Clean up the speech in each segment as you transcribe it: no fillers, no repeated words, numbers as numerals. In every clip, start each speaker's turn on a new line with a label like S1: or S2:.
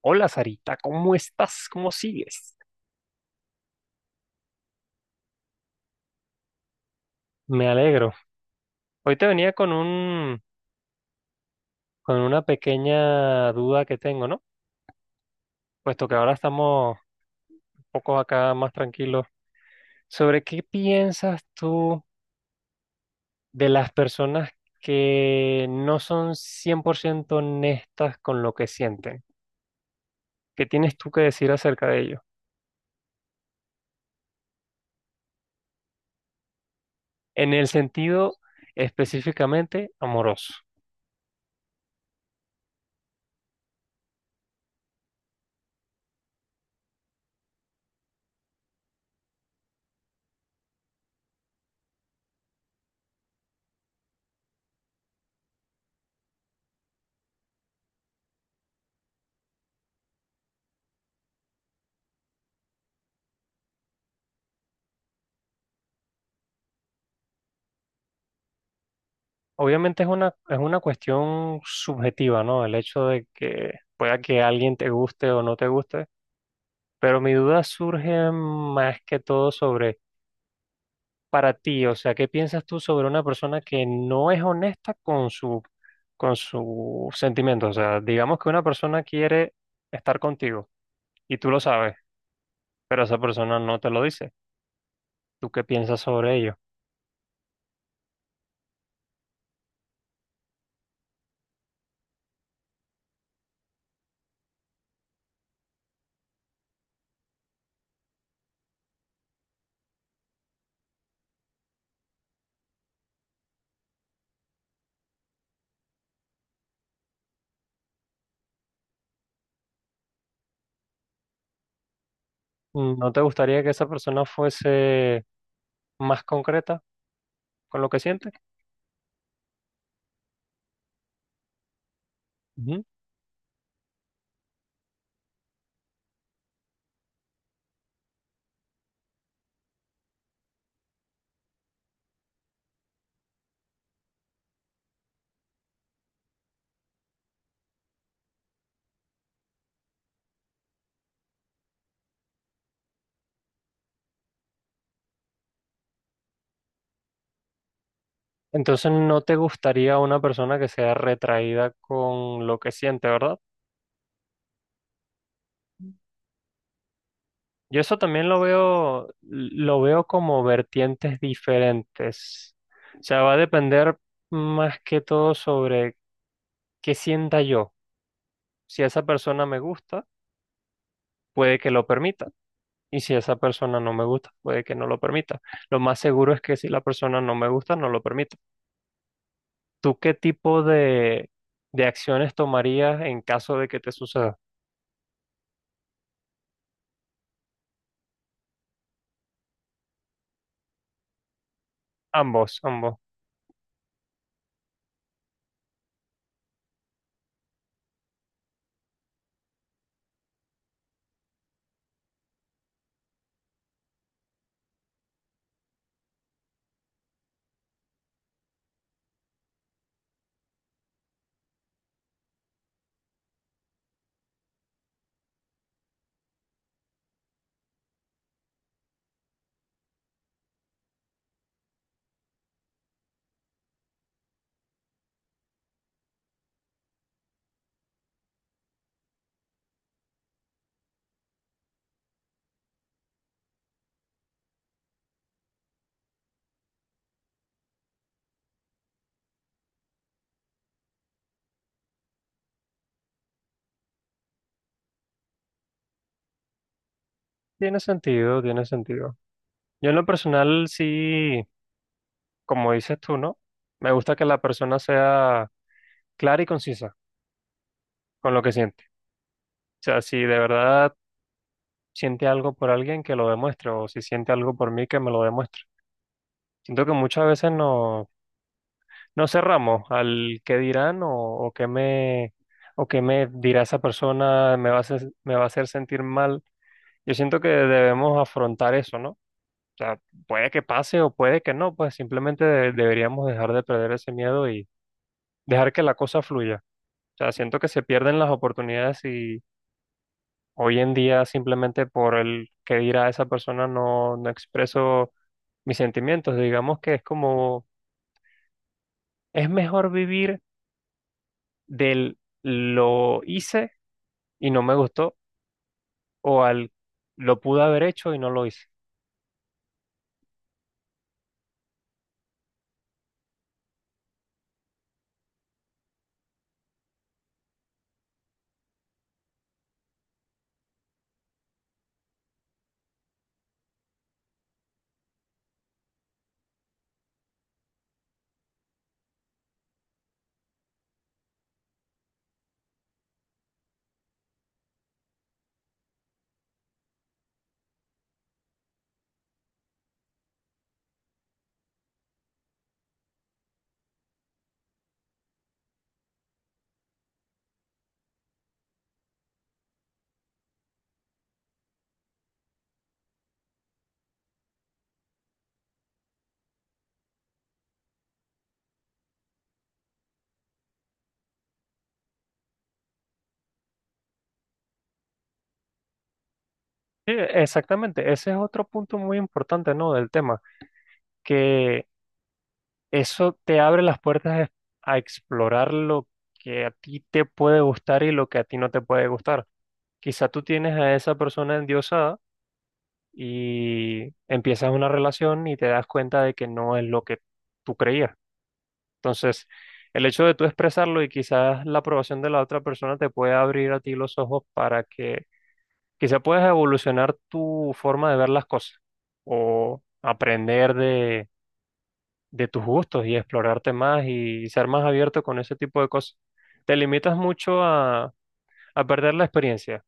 S1: Hola Sarita, ¿cómo estás? ¿Cómo sigues? Me alegro. Hoy te venía con una pequeña duda que tengo, ¿no? Puesto que ahora estamos un poco acá más tranquilos. ¿Sobre qué piensas tú de las personas que no son 100% honestas con lo que sienten? ¿Qué tienes tú que decir acerca de ello? En el sentido específicamente amoroso. Obviamente es una cuestión subjetiva, ¿no? El hecho de que pueda que alguien te guste o no te guste, pero mi duda surge más que todo sobre para ti, o sea, ¿qué piensas tú sobre una persona que no es honesta con con sus sentimientos? O sea, digamos que una persona quiere estar contigo y tú lo sabes, pero esa persona no te lo dice. ¿Tú qué piensas sobre ello? ¿No te gustaría que esa persona fuese más concreta con lo que siente? Entonces no te gustaría una persona que sea retraída con lo que siente, ¿verdad? Yo eso también lo veo como vertientes diferentes. O sea, va a depender más que todo sobre qué sienta yo. Si esa persona me gusta, puede que lo permita. Y si esa persona no me gusta, puede que no lo permita. Lo más seguro es que si la persona no me gusta, no lo permita. ¿Tú qué tipo de acciones tomarías en caso de que te suceda? Ambos, ambos. Tiene sentido, tiene sentido. Yo en lo personal sí, como dices tú, ¿no? Me gusta que la persona sea clara y concisa con lo que siente. O sea, si de verdad siente algo por alguien, que lo demuestre, o si siente algo por mí, que me lo demuestre. Siento que muchas veces no, no cerramos al qué dirán o qué me dirá esa persona, me va a hacer sentir mal. Yo siento que debemos afrontar eso, ¿no? O sea, puede que pase o puede que no, pues simplemente deberíamos dejar de perder ese miedo y dejar que la cosa fluya. O sea, siento que se pierden las oportunidades y hoy en día simplemente por el que dirá esa persona no, no expreso mis sentimientos. Digamos que es como, es mejor vivir del lo hice y no me gustó o al lo pude haber hecho y no lo hice. Sí, exactamente, ese es otro punto muy importante, ¿no? Del tema, que eso te abre las puertas a explorar lo que a ti te puede gustar y lo que a ti no te puede gustar. Quizá tú tienes a esa persona endiosada y empiezas una relación y te das cuenta de que no es lo que tú creías. Entonces, el hecho de tú expresarlo y quizás la aprobación de la otra persona te puede abrir a ti los ojos para que quizá puedas evolucionar tu forma de ver las cosas o aprender de tus gustos y explorarte más y ser más abierto con ese tipo de cosas. Te limitas mucho a perder la experiencia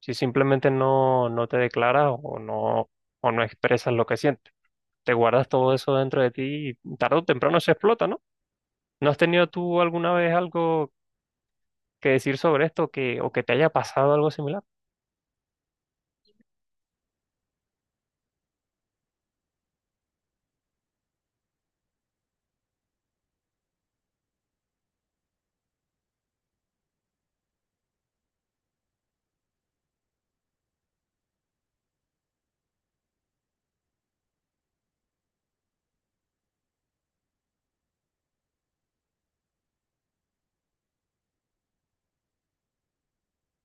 S1: si simplemente no, no te declaras o o no expresas lo que sientes. Te guardas todo eso dentro de ti y tarde o temprano se explota, ¿no? ¿No has tenido tú alguna vez algo que decir sobre esto que te haya pasado algo similar?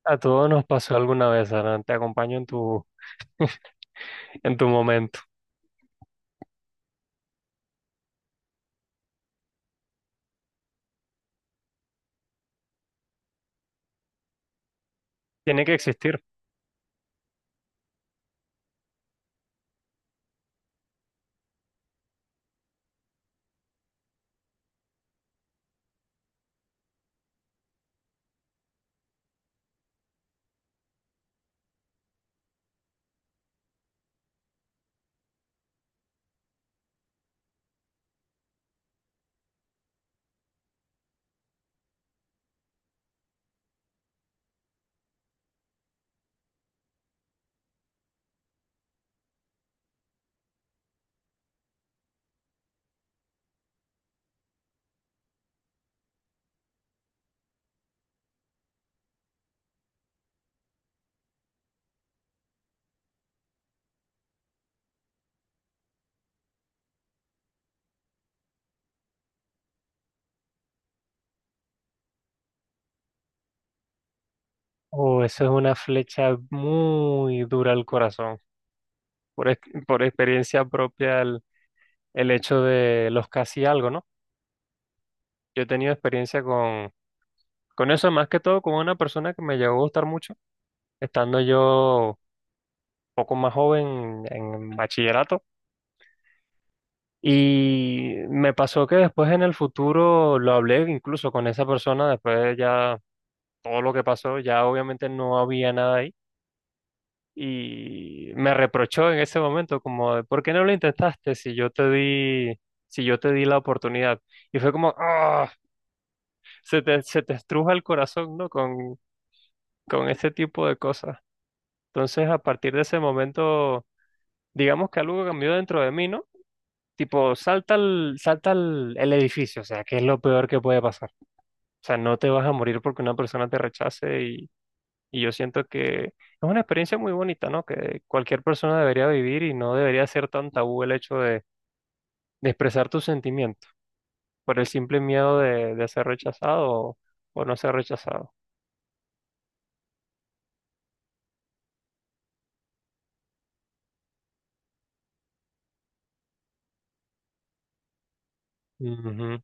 S1: A todos nos pasó alguna vez, Aran. Te acompaño en tu, en tu momento. Tiene que existir. Oh, eso es una flecha muy dura al corazón. Por, ex- por experiencia propia el hecho de los casi algo, ¿no? Yo he tenido experiencia con eso, más que todo con una persona que me llegó a gustar mucho, estando yo poco más joven en bachillerato. Y me pasó que después en el futuro lo hablé incluso con esa persona, después de ya todo lo que pasó, ya obviamente no había nada ahí. Y me reprochó en ese momento como, de, ¿por qué no lo intentaste si yo te di la oportunidad? Y fue como, ¡ah! Se te estruja el corazón, ¿no? Con ese tipo de cosas. Entonces, a partir de ese momento, digamos que algo cambió dentro de mí, ¿no? Tipo, el edificio, o sea, que es lo peor que puede pasar. O sea, no te vas a morir porque una persona te rechace y yo siento que es una experiencia muy bonita, ¿no? Que cualquier persona debería vivir y no debería ser tan tabú el hecho de expresar tus sentimientos por el simple miedo de ser rechazado o no ser rechazado. Ujú.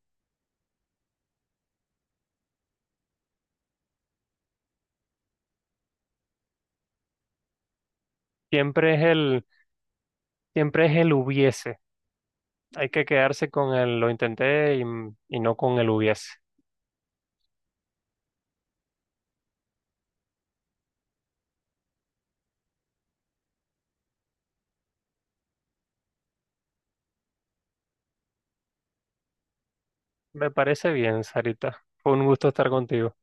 S1: Siempre es el, Siempre es el hubiese. Hay que quedarse con el lo intenté y no con el hubiese. Me parece bien, Sarita. Fue un gusto estar contigo.